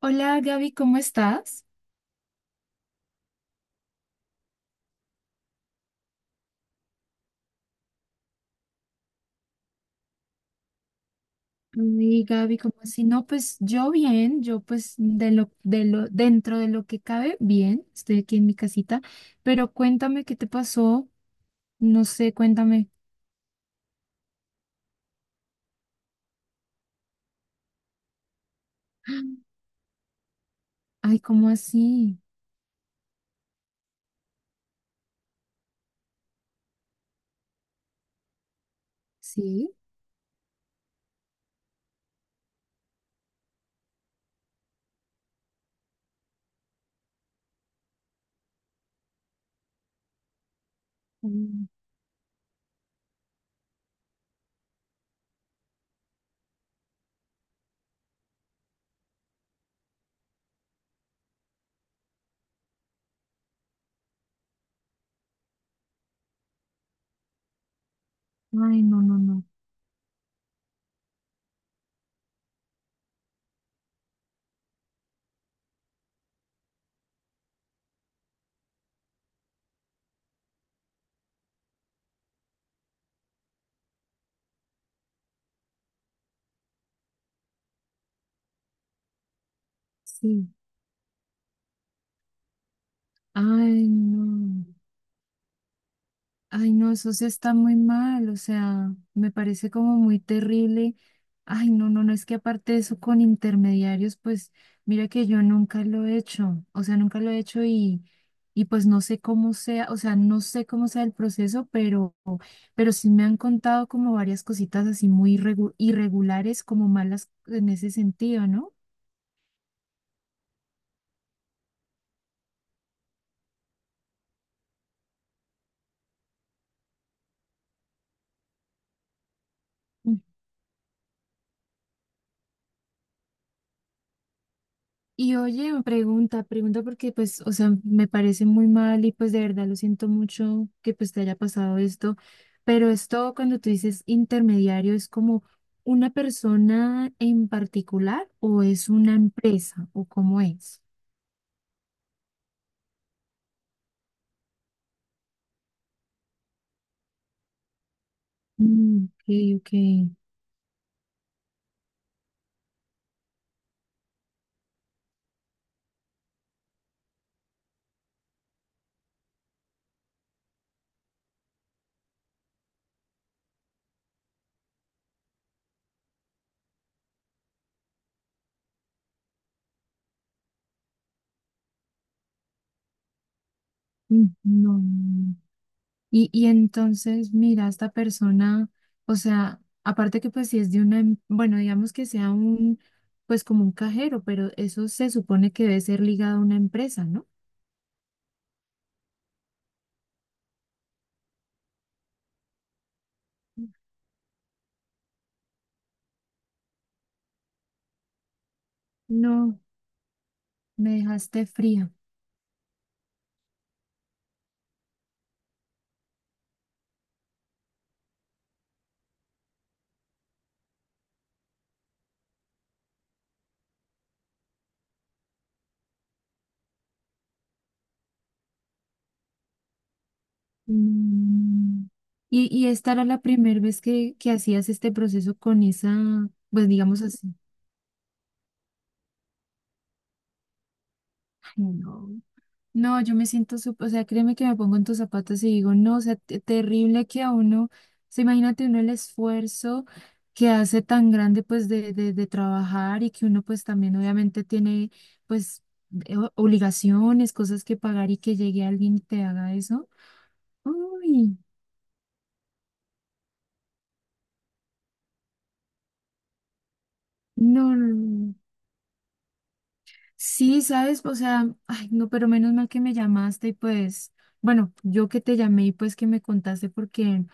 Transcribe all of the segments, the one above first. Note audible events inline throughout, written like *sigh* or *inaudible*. Hola Gaby, ¿cómo estás? Y Gaby, ¿cómo así? No, pues yo bien, yo pues de lo, dentro de lo que cabe, bien, estoy aquí en mi casita, pero cuéntame qué te pasó, no sé, cuéntame. Ay, ¿cómo así? ¿Sí? Mm. Ay, no, no, no, sí. Ay, no. Ay, no, eso sí está muy mal, o sea, me parece como muy terrible. Ay, no, no, no, es que aparte de eso con intermediarios, pues mira que yo nunca lo he hecho, o sea, nunca lo he hecho y pues no sé cómo sea, o sea, no sé cómo sea el proceso, pero sí me han contado como varias cositas así muy irregulares, como malas en ese sentido, ¿no? Y oye, pregunta porque pues, o sea, me parece muy mal y pues de verdad lo siento mucho que pues te haya pasado esto, pero esto cuando tú dices intermediario es como una persona en particular o es una empresa o cómo es. Mm, ok, ok. Mm. No. Y entonces, mira, esta persona, o sea, aparte que pues si es de una, bueno, digamos que sea un, pues como un cajero, pero eso se supone que debe ser ligado a una empresa, ¿no? No, me dejaste fría. Mm. Y esta era la primera vez que hacías este proceso con esa, pues digamos así. Ay, no. No, yo me siento, o sea, créeme que me pongo en tus zapatos y digo, no, o sea, terrible que a uno, o sea, imagínate uno el esfuerzo que hace tan grande pues de trabajar y que uno pues también obviamente tiene pues obligaciones, cosas que pagar y que llegue alguien y te haga eso. Uy, no, no, no. Sí, sabes, o sea, ay, no, pero menos mal que me llamaste y pues, bueno, yo que te llamé y pues que me contaste porque...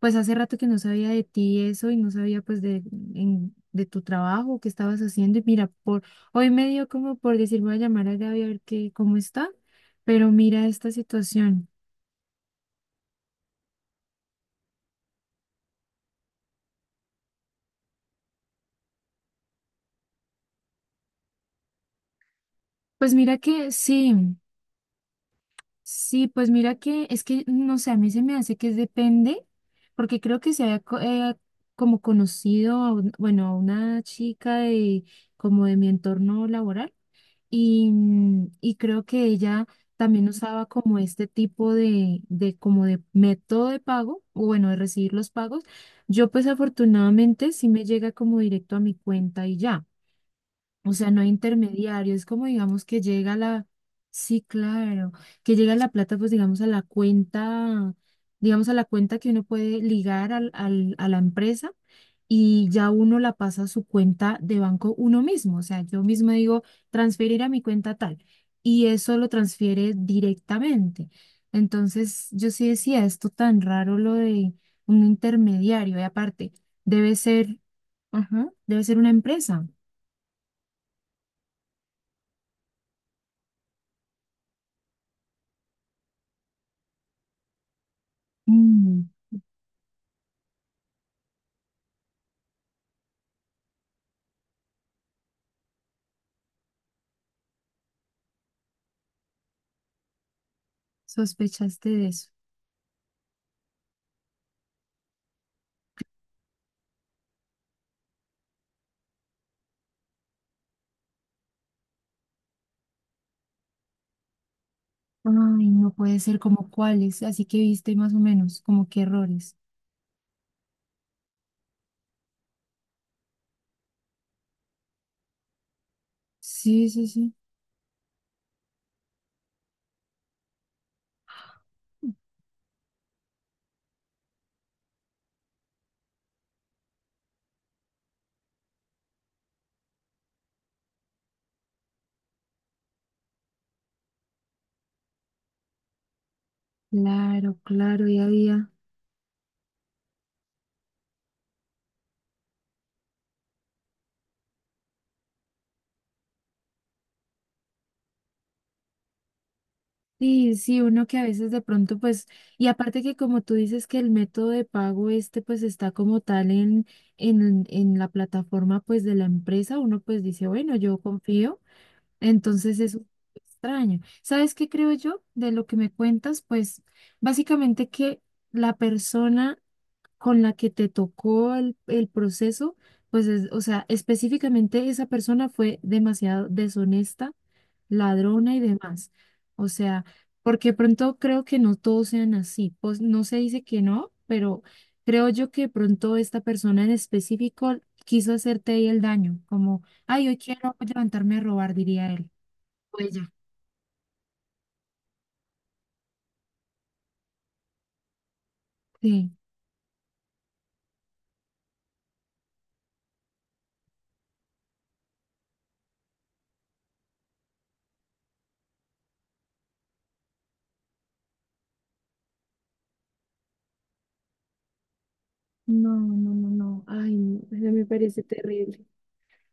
Pues hace rato que no sabía de ti eso y no sabía pues de tu trabajo, qué estabas haciendo. Y mira, por hoy me dio como por decir, voy a llamar a Gaby a ver qué, cómo está, pero mira esta situación. Pues mira que sí, sí, pues mira que es que, no sé, a mí se me hace que es depende, porque creo que se había como conocido, a bueno, a una chica de como de mi entorno laboral. Y, y creo que ella también usaba como este tipo como de método de pago, o bueno, de recibir los pagos. Yo pues afortunadamente sí me llega como directo a mi cuenta y ya. O sea, no hay intermediario, es como digamos que llega la, sí, claro, que llega la plata pues digamos a la cuenta, digamos a la cuenta que uno puede ligar a la empresa y ya uno la pasa a su cuenta de banco uno mismo. O sea, yo mismo digo, transferir a mi cuenta tal, y eso lo transfiere directamente. Entonces, yo sí decía, esto tan raro lo de un intermediario, y aparte, debe ser, ajá, debe ser una empresa. Mm, sospechaste de eso. Ay, no puede ser, como cuáles, así que viste más o menos como qué errores. Sí, sí, sí. Claro, claro, ya había. Sí, sí, uno que a veces de pronto, pues, y aparte que como tú dices que el método de pago este, pues, está como tal en la plataforma, pues, de la empresa, uno pues dice, bueno, yo confío, entonces es un poco extraño. ¿Sabes qué creo yo de lo que me cuentas? Pues, básicamente que la persona con la que te tocó el proceso, pues, o sea, específicamente esa persona fue demasiado deshonesta, ladrona y demás. O sea, porque pronto creo que no todos sean así. Pues no se dice que no, pero creo yo que pronto esta persona en específico quiso hacerte ahí el daño, como, ay, hoy quiero levantarme a robar, diría él. O ella. Sí. No, no, no, no. Ay, no, eso me parece terrible.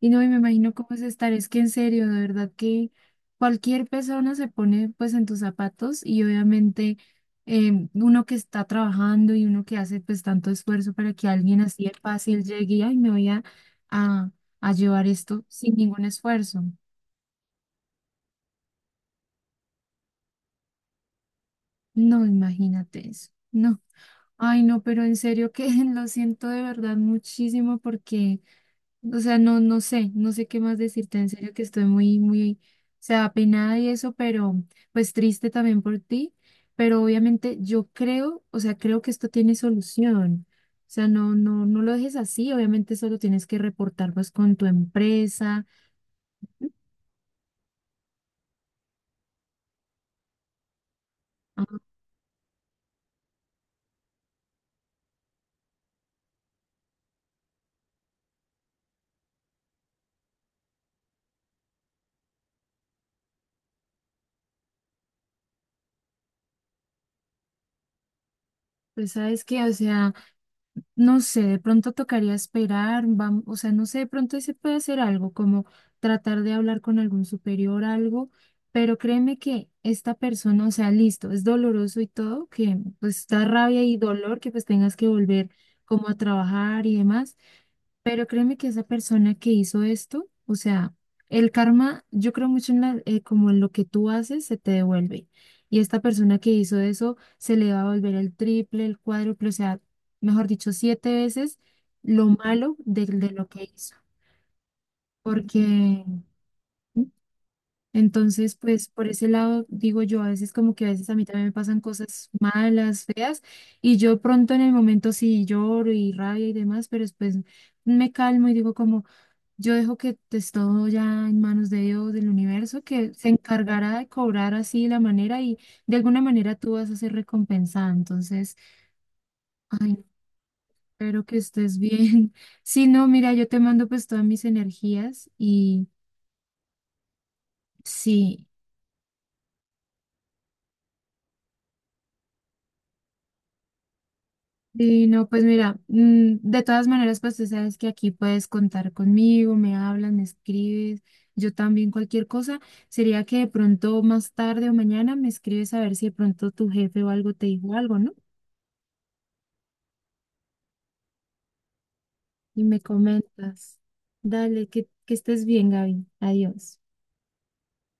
Y no, y me imagino cómo es estar, es que en serio, de verdad que cualquier persona se pone pues en tus zapatos y obviamente uno que está trabajando y uno que hace pues tanto esfuerzo para que alguien así de fácil llegue y ay, me voy a, a llevar esto sin ningún esfuerzo. No, imagínate eso. No, ay, no, pero en serio que *laughs* lo siento de verdad muchísimo porque o sea, no, no sé, no sé qué más decirte, en serio que estoy muy, muy, o sea, apenada y eso, pero pues triste también por ti, pero obviamente yo creo, o sea, creo que esto tiene solución. O sea, no, no, no lo dejes así, obviamente solo tienes que reportar pues con tu empresa. Ujú. Ah, pues sabes que, o sea, no sé, de pronto tocaría esperar, o sea, no sé, de pronto se puede hacer algo, como tratar de hablar con algún superior, algo, pero créeme que esta persona, o sea, listo, es doloroso y todo, que pues da rabia y dolor que pues tengas que volver como a trabajar y demás, pero créeme que esa persona que hizo esto, o sea, el karma, yo creo mucho en como en lo que tú haces, se te devuelve. Y esta persona que hizo eso, se le va a volver el triple, el cuádruple, o sea, mejor dicho, 7 veces lo malo de lo que hizo. Porque entonces, pues por ese lado, digo yo, a veces como que a veces a mí también me pasan cosas malas, feas, y yo pronto en el momento sí lloro y rabia y demás, pero después me calmo y digo como... Yo dejo que esté todo ya en manos de Dios, del universo, que se encargará de cobrar así la manera y de alguna manera tú vas a ser recompensada. Entonces, ay, no, espero que estés bien. *laughs* Sí, no, mira, yo te mando pues todas mis energías y sí, y no, pues mira, de todas maneras, pues tú sabes que aquí puedes contar conmigo, me hablas, me escribes, yo también cualquier cosa. Sería que de pronto más tarde o mañana me escribes a ver si de pronto tu jefe o algo te dijo algo, ¿no? Y me comentas. Dale, que estés bien, Gaby. Adiós.